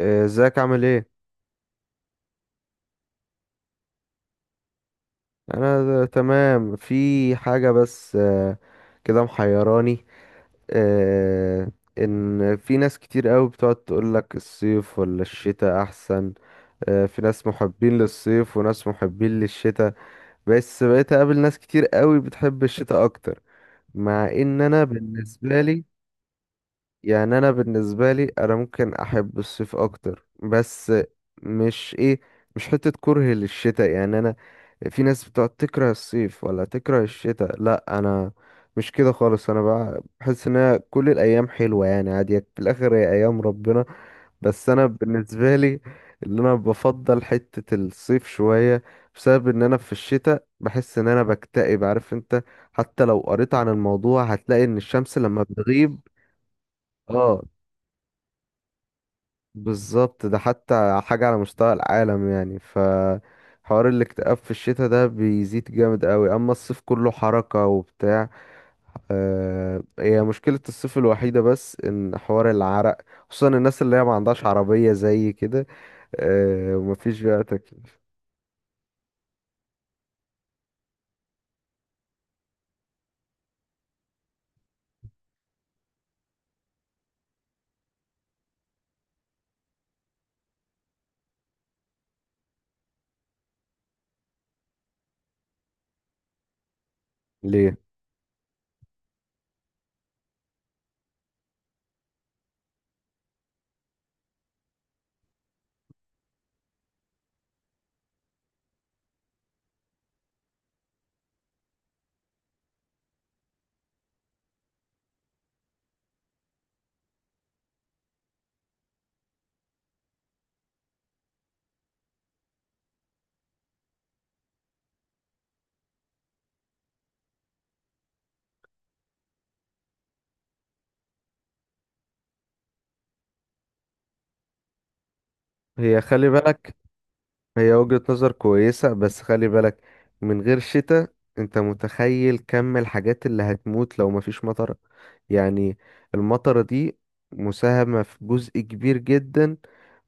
إيه، ازيك عامل ايه؟ انا تمام، في حاجة بس كده محيراني. آه، ان في ناس كتير قوي بتقعد تقولك الصيف ولا الشتاء احسن؟ في ناس محبين للصيف وناس محبين للشتاء. بس بقيت اقابل ناس كتير قوي بتحب الشتاء اكتر، مع ان انا بالنسبة لي، يعني انا بالنسبه لي، انا ممكن احب الصيف اكتر، بس مش ايه مش حته كره للشتاء، يعني انا، في ناس بتقعد تكره الصيف ولا تكره الشتاء، لا انا مش كده خالص. انا بقى بحس ان أنا كل الايام حلوه، يعني عادي، في الاخر هي ايام ربنا. بس انا بالنسبه لي، اللي انا بفضل حته الصيف شويه، بسبب ان انا في الشتاء بحس ان انا بكتئب، عارف انت؟ حتى لو قريت عن الموضوع هتلاقي ان الشمس لما بتغيب. اه، بالظبط. ده حتى حاجة على مستوى العالم، يعني، ف حوار الاكتئاب في الشتاء ده بيزيد جامد قوي، اما الصيف كله حركة وبتاع. هي مشكلة الصيف الوحيدة بس ان حوار العرق، خصوصا الناس اللي هي ما عندهاش عربية زي كده، ومفيش بقى تكييف. ليه؟ هي خلي بالك، هي وجهة نظر كويسة بس خلي بالك، من غير شتاء انت متخيل كم الحاجات اللي هتموت لو مفيش مطر؟ يعني المطرة دي مساهمة في جزء كبير جدا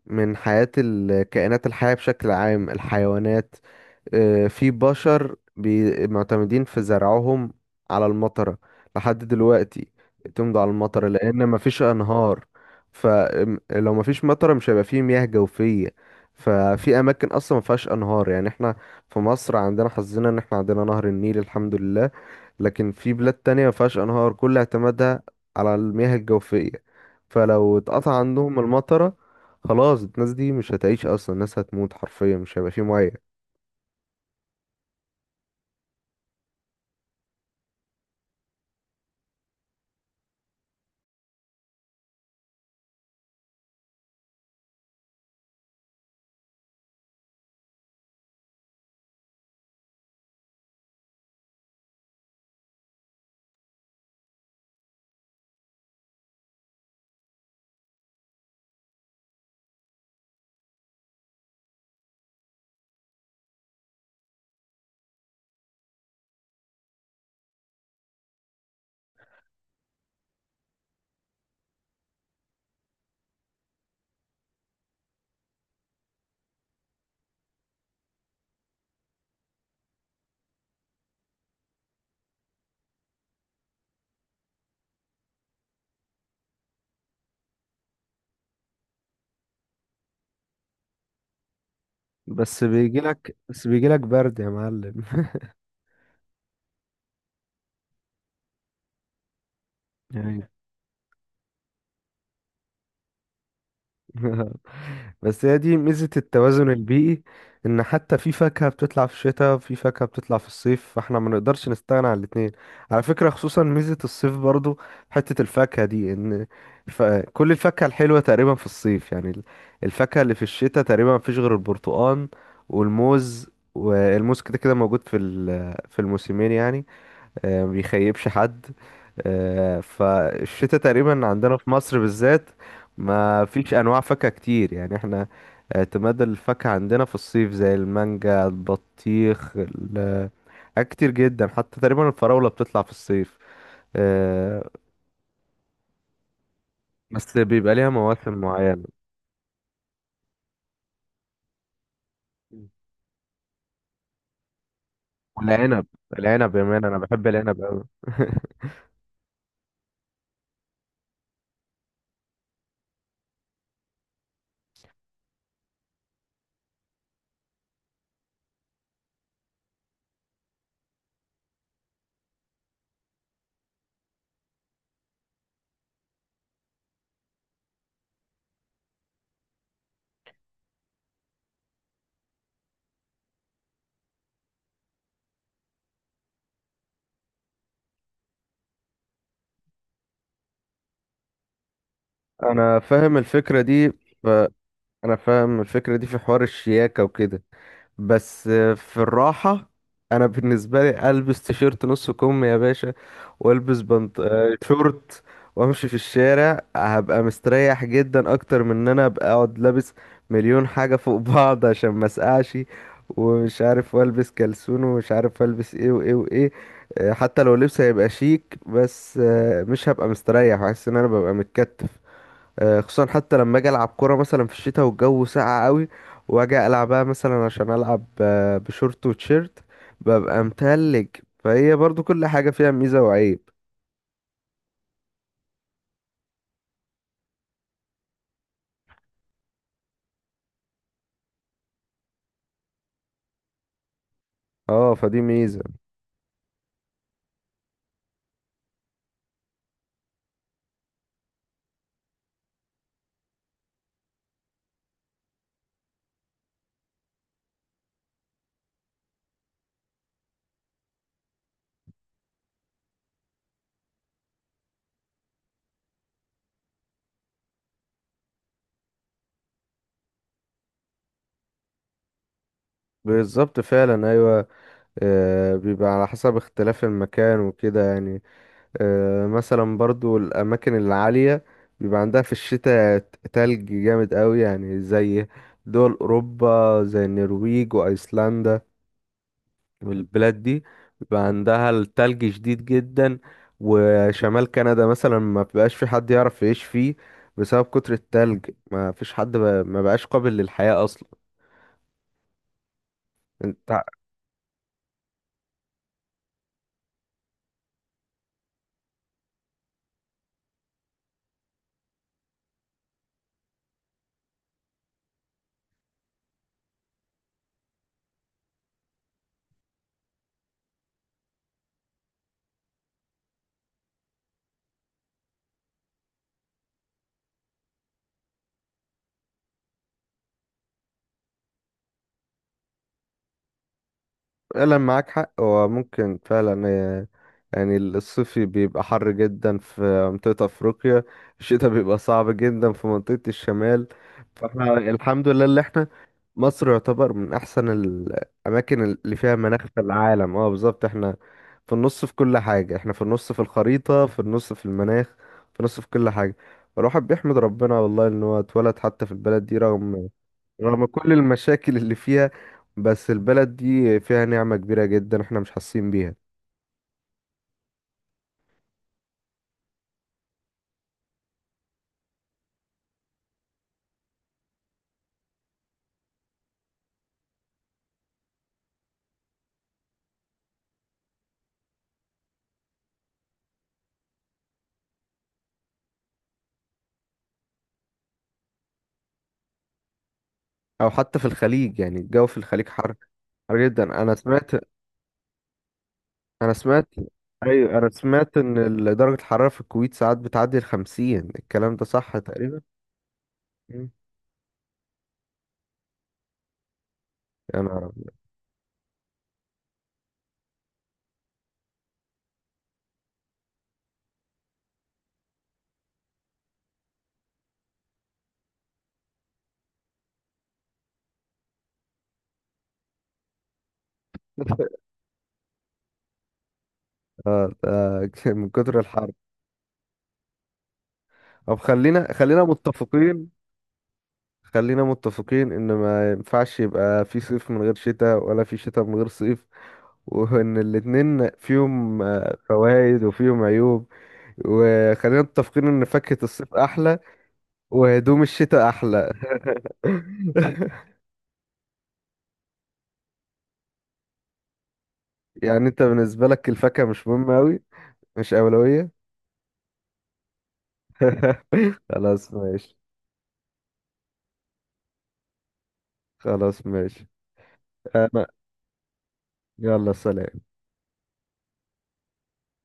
من حياة الكائنات الحية بشكل عام، الحيوانات. في بشر معتمدين في زرعهم على المطرة، لحد دلوقتي بيعتمدوا على المطرة لأن مفيش أنهار. فلو مفيش مطرة، مش هيبقى فيه مياه جوفية. ففي أماكن أصلا مفيهاش أنهار، يعني احنا في مصر عندنا حظنا إن احنا عندنا نهر النيل الحمد لله. لكن في بلاد تانية مفيهاش أنهار، كل اعتمادها على المياه الجوفية. فلو اتقطع عندهم المطرة، خلاص الناس دي مش هتعيش أصلا، الناس هتموت حرفيا، مش هيبقى فيه مياه. بس بيجي لك برد يا معلم. يعني بس هي دي ميزة التوازن البيئي، ان حتى في فاكهة بتطلع في الشتاء، في فاكهة بتطلع في الصيف، فاحنا ما نقدرش نستغنى عن الاتنين. على فكرة، خصوصا ميزة الصيف برضو، حتة الفاكهة دي ان ف... كل الفاكهة الحلوة تقريبا في الصيف، يعني الفاكهة اللي في الشتاء تقريبا ما فيش غير البرتقال والموز كده كده موجود في في الموسمين يعني. ما بيخيبش حد. فالشتاء تقريبا عندنا في مصر بالذات ما فيش انواع فاكهة كتير، يعني احنا اعتماد الفاكهة عندنا في الصيف زي المانجا، البطيخ، حاجات كتير جدا، حتى تقريبا الفراولة بتطلع في الصيف. آه، بس بيبقى ليها مواسم معينة. والعنب يا مان انا بحب العنب قوي. انا فاهم الفكرة دي. ف... انا فاهم الفكرة دي في حوار الشياكة وكده، بس في الراحة، انا بالنسبة لي البس تيشيرت نص كم يا باشا، والبس بنط شورت، وامشي في الشارع هبقى مستريح جدا اكتر من ان انا ابقى اقعد لابس مليون حاجة فوق بعض عشان ما اسقعش، ومش عارف والبس كلسون ومش عارف البس ايه وايه وايه. حتى لو لبس هيبقى شيك بس مش هبقى مستريح، حاسس ان انا ببقى متكتف. خصوصا حتى لما اجي العب كوره مثلا في الشتاء والجو ساقع قوي، واجي العبها مثلا عشان العب بشورت وتيشيرت ببقى متلج. فهي برضو كل حاجه فيها ميزه وعيب. اه، فدي ميزه. بالظبط فعلا، ايوه. بيبقى على حسب اختلاف المكان وكده يعني. مثلا برضو الاماكن العاليه بيبقى عندها في الشتاء تلج جامد قوي، يعني زي دول اوروبا زي النرويج وايسلندا، البلاد دي بيبقى عندها التلج شديد جدا. وشمال كندا مثلا ما بيبقاش في حد يعرف يعيش فيه بسبب كتر التلج، ما فيش حد ما بقاش قابل للحياة اصلا. انت، فعلا معاك حق، هو ممكن فعلا يعني الصيف بيبقى حر جدا في منطقة أفريقيا، الشتاء بيبقى صعب جدا في منطقة الشمال. فاحنا الحمد لله اللي احنا، مصر يعتبر من أحسن الأماكن اللي فيها مناخ في العالم. اه، بالظبط احنا في النص، في كل حاجة احنا في النص، في الخريطة في النص، في المناخ في النص، في كل حاجة. فالواحد بيحمد ربنا والله إن هو اتولد حتى في البلد دي، رغم كل المشاكل اللي فيها. بس البلد دي فيها نعمة كبيرة جدا احنا مش حاسين بيها. او حتى في الخليج، يعني الجو في الخليج حر، حر جدا. انا سمعت. ايوه، انا سمعت ان درجة الحرارة في الكويت ساعات بتعدي 50، الكلام ده صح تقريبا؟ مم. انا من كتر الحر. طب خلينا متفقين، خلينا متفقين ان ما ينفعش يبقى في صيف من غير شتاء ولا في شتاء من غير صيف، وان الاتنين فيهم فوائد وفيهم عيوب. وخلينا متفقين ان فاكهة الصيف احلى، وهدوم الشتاء احلى. يعني انت بالنسبة لك الفاكهة مش مهمة اوي، مش اولوية؟ خلاص ماشي. خلاص ماشي. انا، يلا سلام.